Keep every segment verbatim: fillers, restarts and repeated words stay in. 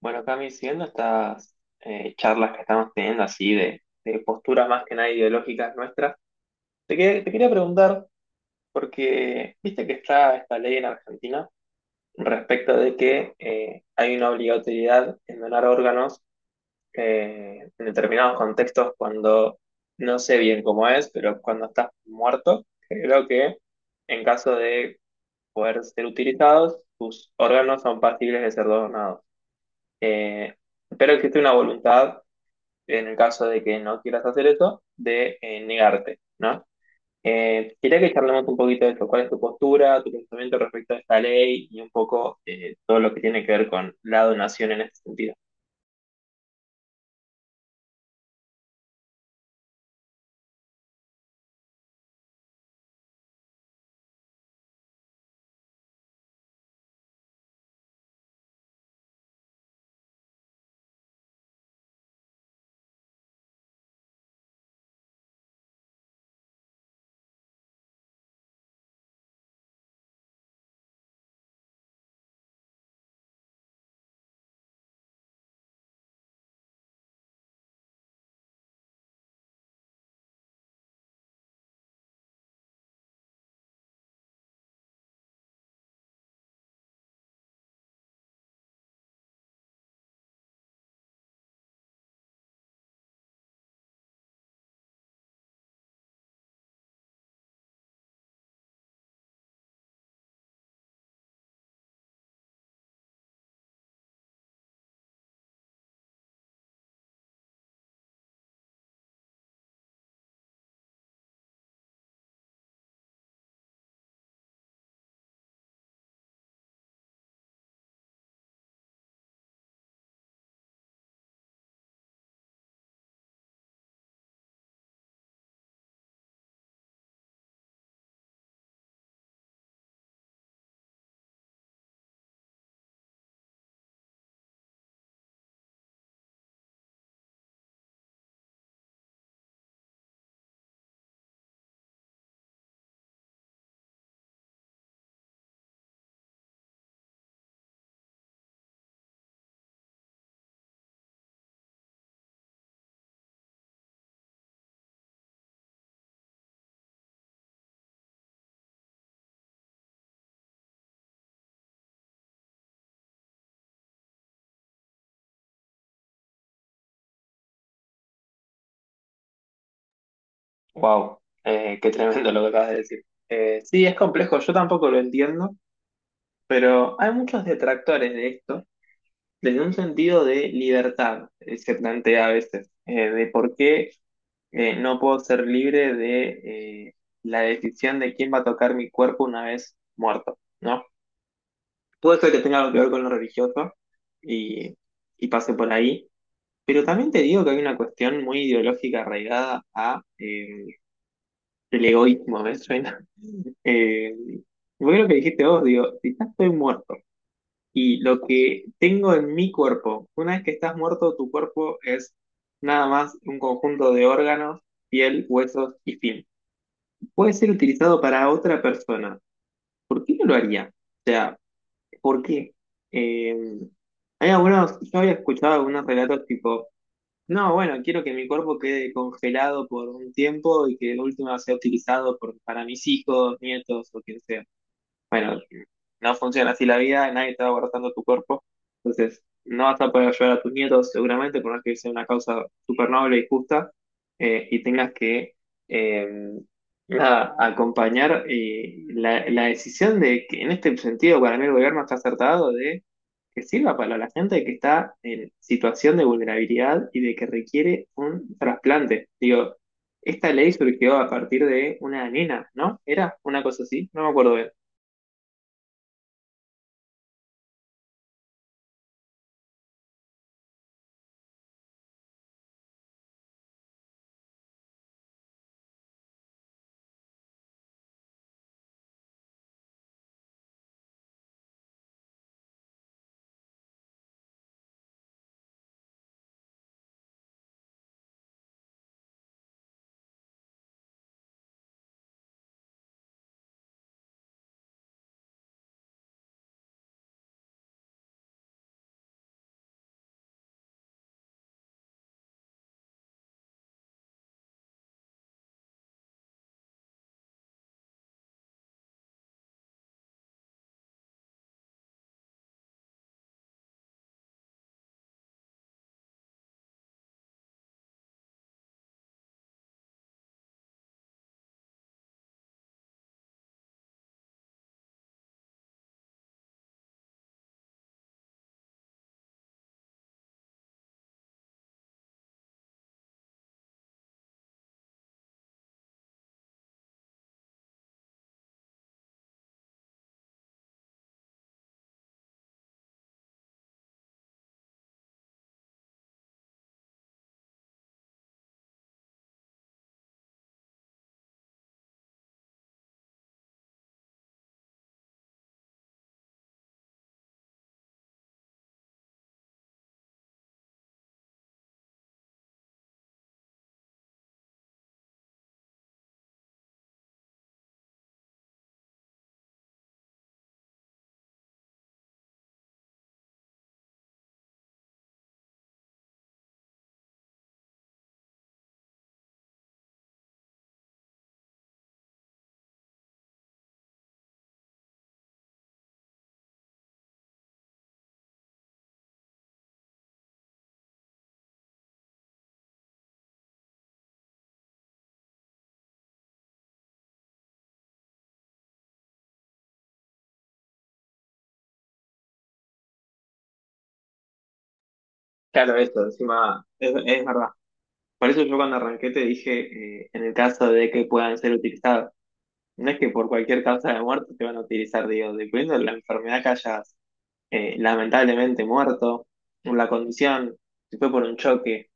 Bueno, Cami, siguiendo estas eh, charlas que estamos teniendo así de, de posturas más que nada ideológicas nuestras, te, que- te quería preguntar, porque viste que está esta ley en Argentina respecto de que eh, hay una obligatoriedad en donar órganos eh, en determinados contextos cuando, no sé bien cómo es, pero cuando estás muerto, creo que en caso de poder ser utilizados, tus órganos son pasibles de ser donados. Eh, Espero que esté una voluntad en el caso de que no quieras hacer eso, de eh, negarte, ¿no? Eh, quería que charlemos un poquito de esto, cuál es tu postura, tu pensamiento respecto a esta ley y un poco eh, todo lo que tiene que ver con la donación en este sentido. Wow, eh, qué tremendo lo que acabas de decir. Eh, sí, es complejo, yo tampoco lo entiendo, pero hay muchos detractores de esto desde un sentido de libertad, eh, se plantea a veces, eh, de por qué eh, no puedo ser libre de eh, la decisión de quién va a tocar mi cuerpo una vez muerto, ¿no? Puede ser que tenga algo que ver con lo religioso y, y pase por ahí, pero también te digo que hay una cuestión muy ideológica arraigada a eh, el egoísmo, ¿me suena? Eh, bueno, lo que dijiste vos, digo, si ya estoy muerto y lo que tengo en mi cuerpo, una vez que estás muerto, tu cuerpo es nada más un conjunto de órganos, piel, huesos y fin. Puede ser utilizado para otra persona. ¿Por qué no lo haría? O sea, ¿por qué? Eh, Hay algunos, yo había escuchado algunos relatos tipo, no, bueno, quiero que mi cuerpo quede congelado por un tiempo y que de última sea utilizado por, para mis hijos, nietos o quien sea. Bueno, no funciona así la vida, nadie te va abrazando tu cuerpo, entonces no vas a poder ayudar a tus nietos seguramente, por más que sea una causa súper noble y justa, eh, y tengas que eh, nada, acompañar eh, la, la decisión de que en este sentido para mí el gobierno está acertado de que sirva para la gente que está en situación de vulnerabilidad y de que requiere un trasplante. Digo, esta ley surgió a partir de una nena, ¿no? ¿Era una cosa así? No me acuerdo bien. Claro, eso, encima, es, es verdad. Por eso yo cuando arranqué te dije, eh, en el caso de que puedan ser utilizados, no es que por cualquier causa de muerte te van a utilizar, digo, dependiendo de la enfermedad que hayas eh, lamentablemente muerto, o la condición, si fue por un choque,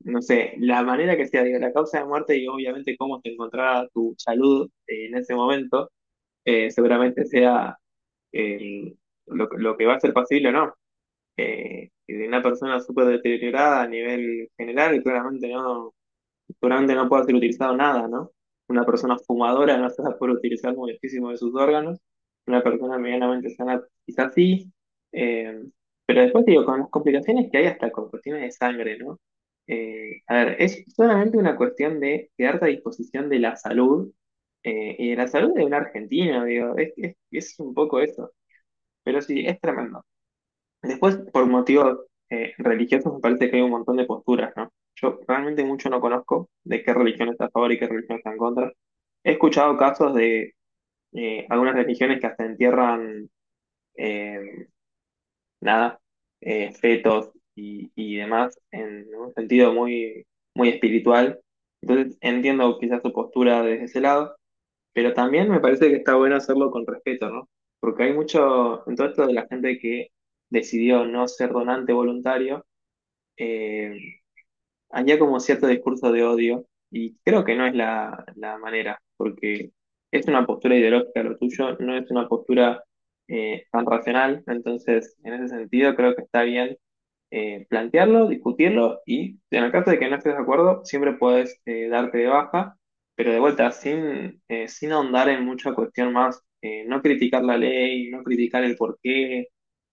no sé, la manera que sea, digo, la causa de muerte y obviamente cómo te encontraba tu salud eh, en ese momento, eh, seguramente sea eh, lo, lo que va a ser posible o no eh, y de una persona súper deteriorada a nivel general, claramente no, seguramente no puede ser utilizado nada, ¿no? Una persona fumadora no se va a poder utilizar muchísimo de sus órganos, una persona medianamente sana quizás sí, eh, pero después te digo, con las complicaciones que hay hasta con cuestiones de sangre, ¿no? Eh, a ver, es solamente una cuestión de quedarte a disposición de la salud eh, y de la salud de un argentino, digo, es, es, es un poco eso, pero sí, es tremendo. Después, por motivos eh, religiosos, me parece que hay un montón de posturas, ¿no? Yo realmente mucho no conozco de qué religión está a favor y qué religión está en contra. He escuchado casos de eh, algunas religiones que hasta entierran, eh, nada, eh, fetos y, y demás en un sentido muy, muy espiritual. Entonces, entiendo quizás su postura desde ese lado. Pero también me parece que está bueno hacerlo con respeto, ¿no? Porque hay mucho, en todo esto de la gente que decidió no ser donante voluntario, eh, había como cierto discurso de odio y creo que no es la, la manera, porque es una postura ideológica lo tuyo, no es una postura eh, tan racional, entonces en ese sentido creo que está bien eh, plantearlo, discutirlo y en el caso de que no estés de acuerdo, siempre puedes eh, darte de baja, pero de vuelta, sin, eh, sin ahondar en mucha cuestión más, eh, no criticar la ley, no criticar el porqué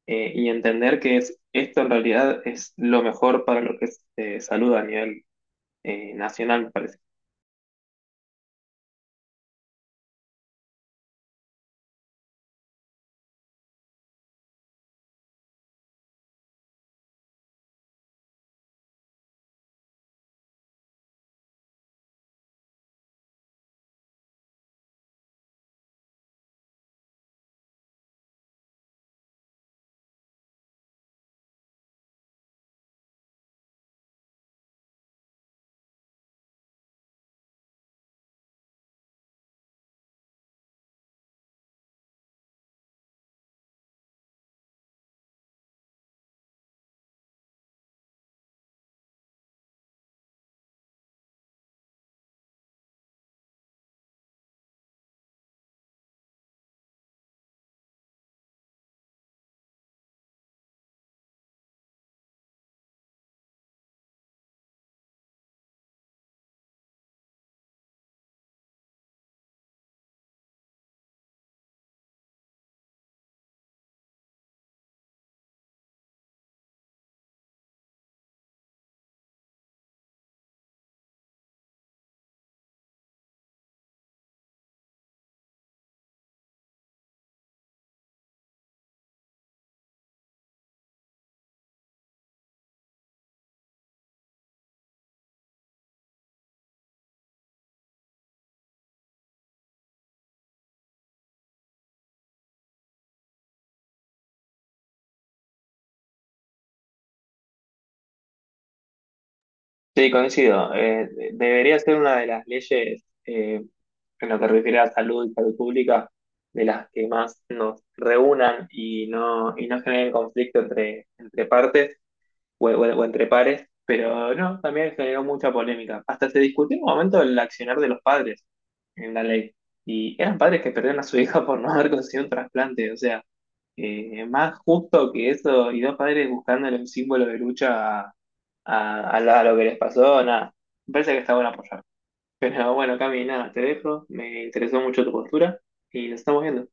eh, y entender que es, esto en realidad es lo mejor para lo que es eh, salud a nivel eh, nacional, me parece. Sí, coincido. Eh, de- debería ser una de las leyes eh, en lo que refiere a salud y salud pública, de las que más nos reúnan y no, y no generen conflicto entre, entre partes o, o- o entre pares, pero no, también generó mucha polémica. Hasta se discutió en un momento el accionar de los padres en la ley. Y eran padres que perdieron a su hija por no haber conseguido un trasplante. O sea, eh, más justo que eso, y dos padres buscándole un símbolo de lucha a, a- a la- a lo que les pasó, nada. Me parece que está bueno apoyar. Pero bueno, Cami, nada, te dejo. Me interesó mucho tu postura y nos estamos viendo.